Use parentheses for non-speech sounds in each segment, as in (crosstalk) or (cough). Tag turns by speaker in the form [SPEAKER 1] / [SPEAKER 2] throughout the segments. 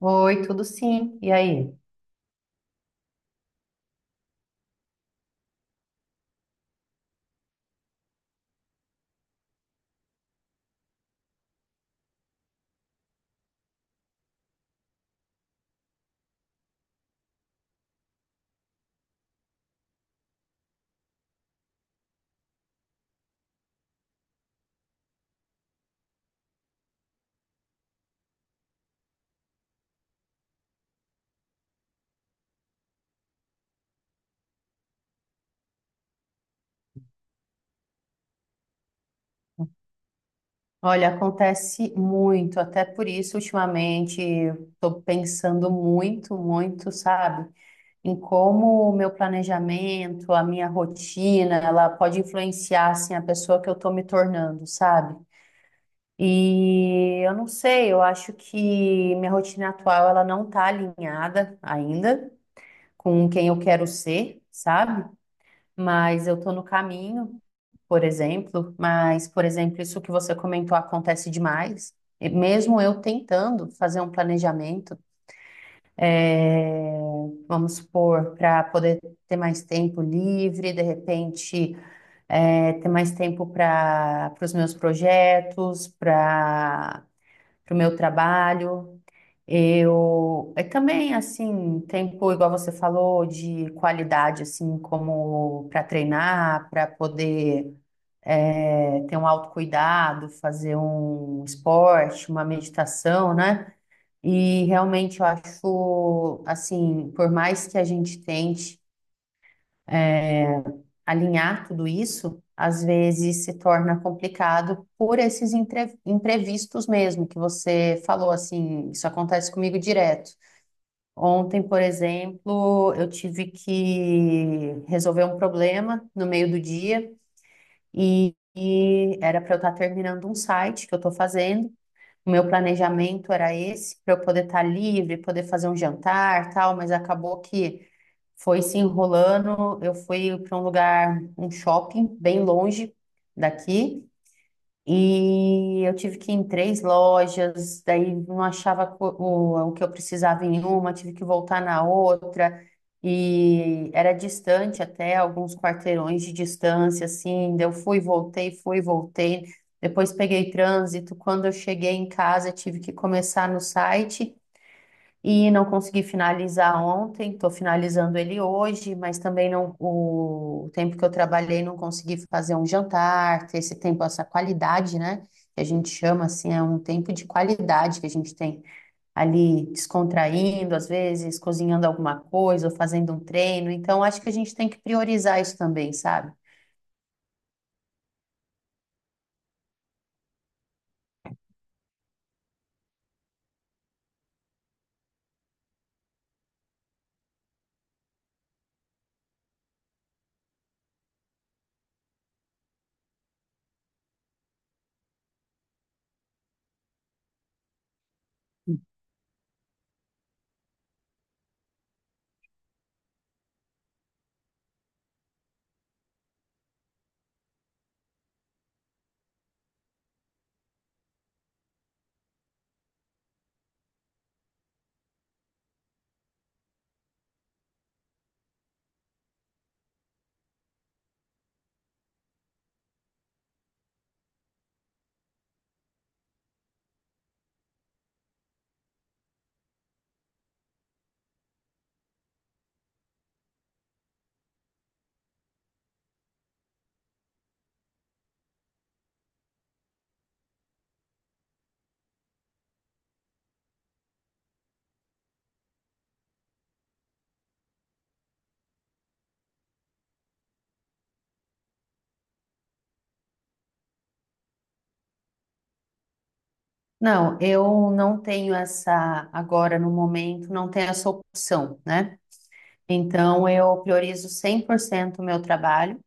[SPEAKER 1] Oi, tudo sim. E aí? Olha, acontece muito, até por isso, ultimamente, estou pensando muito, muito, sabe, em como o meu planejamento, a minha rotina, ela pode influenciar, assim, a pessoa que eu estou me tornando, sabe? E eu não sei, eu acho que minha rotina atual, ela não está alinhada ainda com quem eu quero ser, sabe? Mas eu tô no caminho, por exemplo. Mas, por exemplo, isso que você comentou acontece demais. E mesmo eu tentando fazer um planejamento, é, vamos supor, para poder ter mais tempo livre, de repente, ter mais tempo para os meus projetos, para o meu trabalho. Eu também assim, tempo igual você falou de qualidade assim, como para treinar, para poder ter um autocuidado, fazer um esporte, uma meditação, né? E realmente eu acho assim, por mais que a gente tente alinhar tudo isso, às vezes se torna complicado por esses imprevistos mesmo que você falou assim, isso acontece comigo direto. Ontem, por exemplo, eu tive que resolver um problema no meio do dia e era para eu estar terminando um site que eu estou fazendo. O meu planejamento era esse, para eu poder estar livre, poder fazer um jantar, tal, mas acabou que foi se enrolando. Eu fui para um lugar, um shopping bem longe daqui. E eu tive que ir em três lojas, daí não achava o que eu precisava em uma, tive que voltar na outra, e era distante até alguns quarteirões de distância, assim, daí eu fui, voltei, depois peguei trânsito, quando eu cheguei em casa tive que começar no site, e não consegui finalizar ontem, estou finalizando ele hoje, mas também não, o tempo que eu trabalhei não consegui fazer um jantar, ter esse tempo, essa qualidade, né? Que a gente chama assim, é um tempo de qualidade que a gente tem ali descontraindo, às vezes cozinhando alguma coisa ou fazendo um treino. Então, acho que a gente tem que priorizar isso também, sabe? Não, eu não tenho essa, agora no momento, não tenho essa opção, né? Então, eu priorizo 100% o meu trabalho.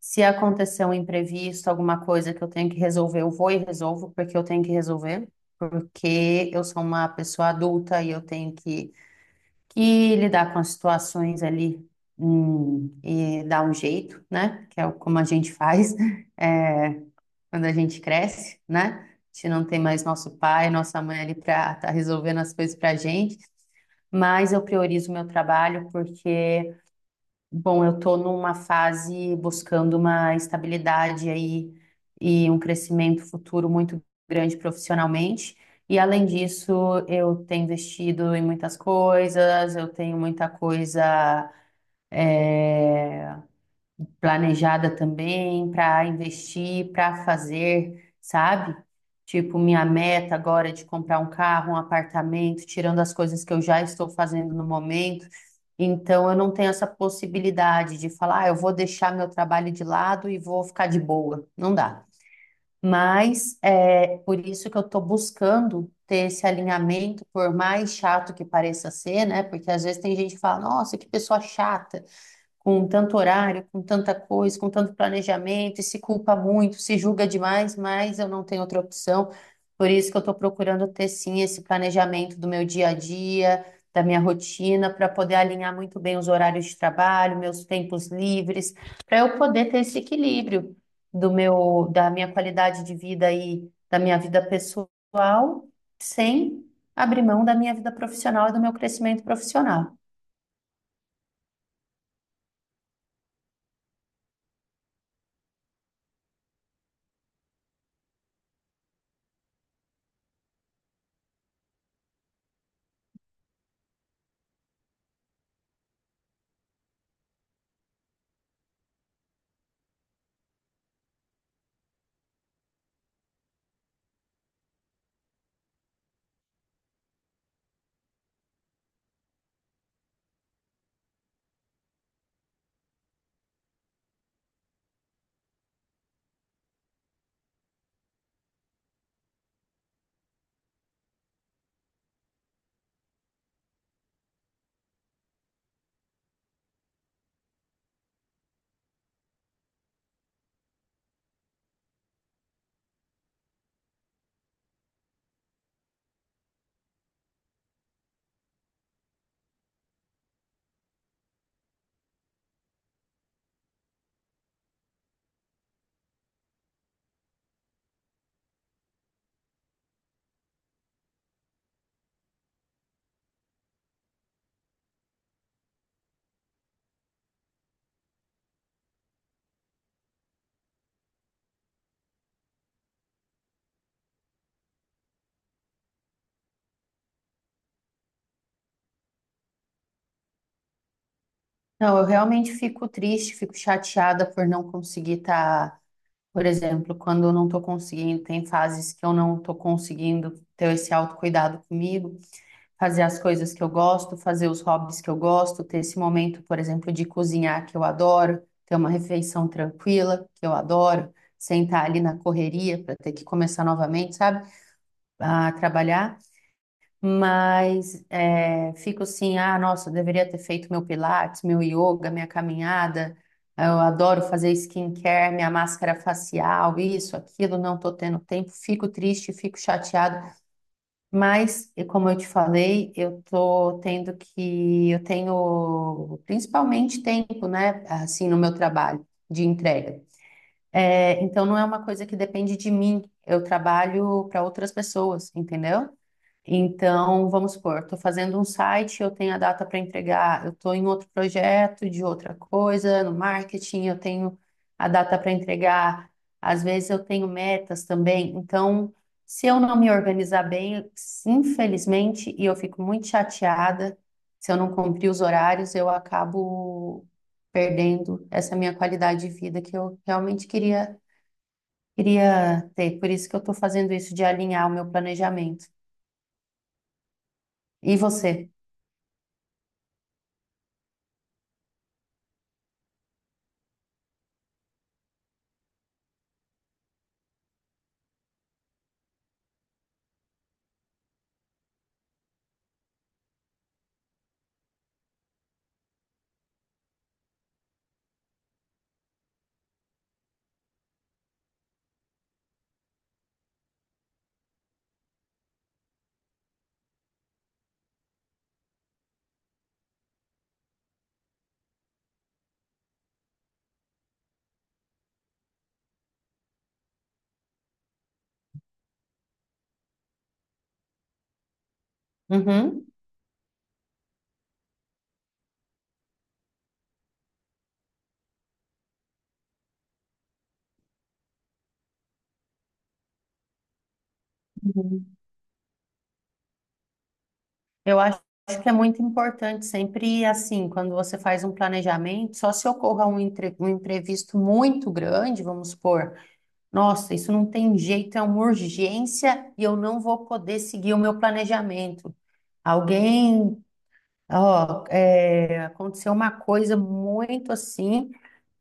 [SPEAKER 1] Se acontecer um imprevisto, alguma coisa que eu tenho que resolver, eu vou e resolvo, porque eu tenho que resolver, porque eu sou uma pessoa adulta e eu tenho que lidar com as situações ali, e dar um jeito, né? Que é como a gente faz, (laughs) é, quando a gente cresce, né? A gente não tem mais nosso pai, nossa mãe ali para estar resolvendo as coisas para a gente, mas eu priorizo o meu trabalho porque bom, eu estou numa fase buscando uma estabilidade aí e um crescimento futuro muito grande profissionalmente. E além disso, eu tenho investido em muitas coisas, eu tenho muita coisa planejada também para investir, para fazer, sabe? Tipo, minha meta agora é de comprar um carro, um apartamento, tirando as coisas que eu já estou fazendo no momento. Então, eu não tenho essa possibilidade de falar, ah, eu vou deixar meu trabalho de lado e vou ficar de boa. Não dá. Mas é por isso que eu estou buscando ter esse alinhamento, por mais chato que pareça ser, né? Porque às vezes tem gente que fala, nossa, que pessoa chata com tanto horário, com tanta coisa, com tanto planejamento, e se culpa muito, se julga demais, mas eu não tenho outra opção. Por isso que eu estou procurando ter sim esse planejamento do meu dia a dia, da minha rotina, para poder alinhar muito bem os horários de trabalho, meus tempos livres, para eu poder ter esse equilíbrio do meu, da minha qualidade de vida e da minha vida pessoal, sem abrir mão da minha vida profissional e do meu crescimento profissional. Não, eu realmente fico triste, fico chateada por não conseguir estar, por exemplo, quando eu não estou conseguindo, tem fases que eu não estou conseguindo ter esse autocuidado comigo, fazer as coisas que eu gosto, fazer os hobbies que eu gosto, ter esse momento, por exemplo, de cozinhar que eu adoro, ter uma refeição tranquila que eu adoro, sentar ali na correria para ter que começar novamente, sabe, a trabalhar. Mas é, fico assim, ah, nossa, eu deveria ter feito meu pilates, meu yoga, minha caminhada. Eu adoro fazer skincare, minha máscara facial, isso, aquilo, não tô tendo tempo. Fico triste, fico chateado. Mas, e como eu te falei, eu tô tendo que, eu tenho principalmente tempo, né, assim, no meu trabalho de entrega. É, então, não é uma coisa que depende de mim. Eu trabalho para outras pessoas, entendeu? Então, vamos supor, estou fazendo um site, eu tenho a data para entregar, eu estou em outro projeto de outra coisa, no marketing, eu tenho a data para entregar, às vezes eu tenho metas também. Então, se eu não me organizar bem, infelizmente, e eu fico muito chateada, se eu não cumprir os horários, eu acabo perdendo essa minha qualidade de vida que eu realmente queria, queria ter. Por isso que eu estou fazendo isso de alinhar o meu planejamento. E você? Uhum, uhum. Eu acho que é muito importante sempre assim, quando você faz um planejamento, só se ocorra um, um imprevisto muito grande, vamos supor, nossa, isso não tem jeito, é uma urgência e eu não vou poder seguir o meu planejamento. Alguém, ó, é, aconteceu uma coisa muito assim.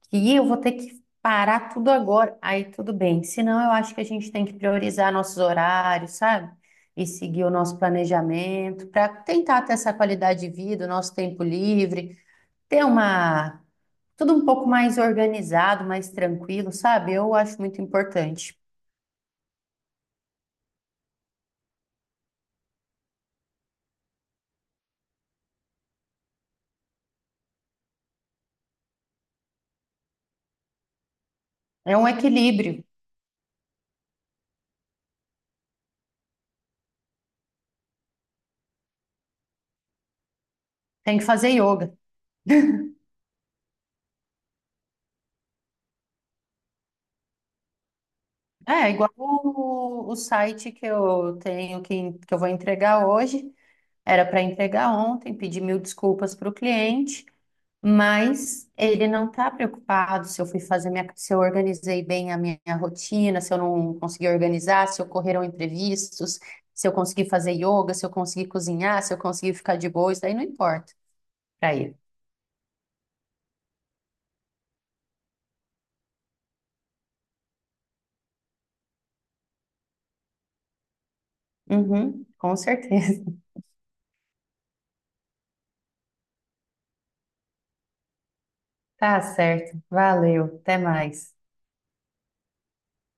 [SPEAKER 1] Que eu vou ter que parar tudo agora. Aí tudo bem. Senão, eu acho que a gente tem que priorizar nossos horários, sabe? E seguir o nosso planejamento para tentar ter essa qualidade de vida, o nosso tempo livre, ter uma tudo um pouco mais organizado, mais tranquilo, sabe? Eu acho muito importante. É um equilíbrio. Tem que fazer yoga. É, igual o site que eu tenho, que eu vou entregar hoje, era para entregar ontem, pedi mil desculpas para o cliente. Mas ele não está preocupado se eu fui fazer minha, se eu organizei bem a minha rotina, se eu não consegui organizar, se ocorreram imprevistos, se eu consegui fazer yoga, se eu consegui cozinhar, se eu consegui ficar de boa, isso daí não importa para ele. Uhum, com certeza. (laughs) Tá certo. Valeu. Até mais.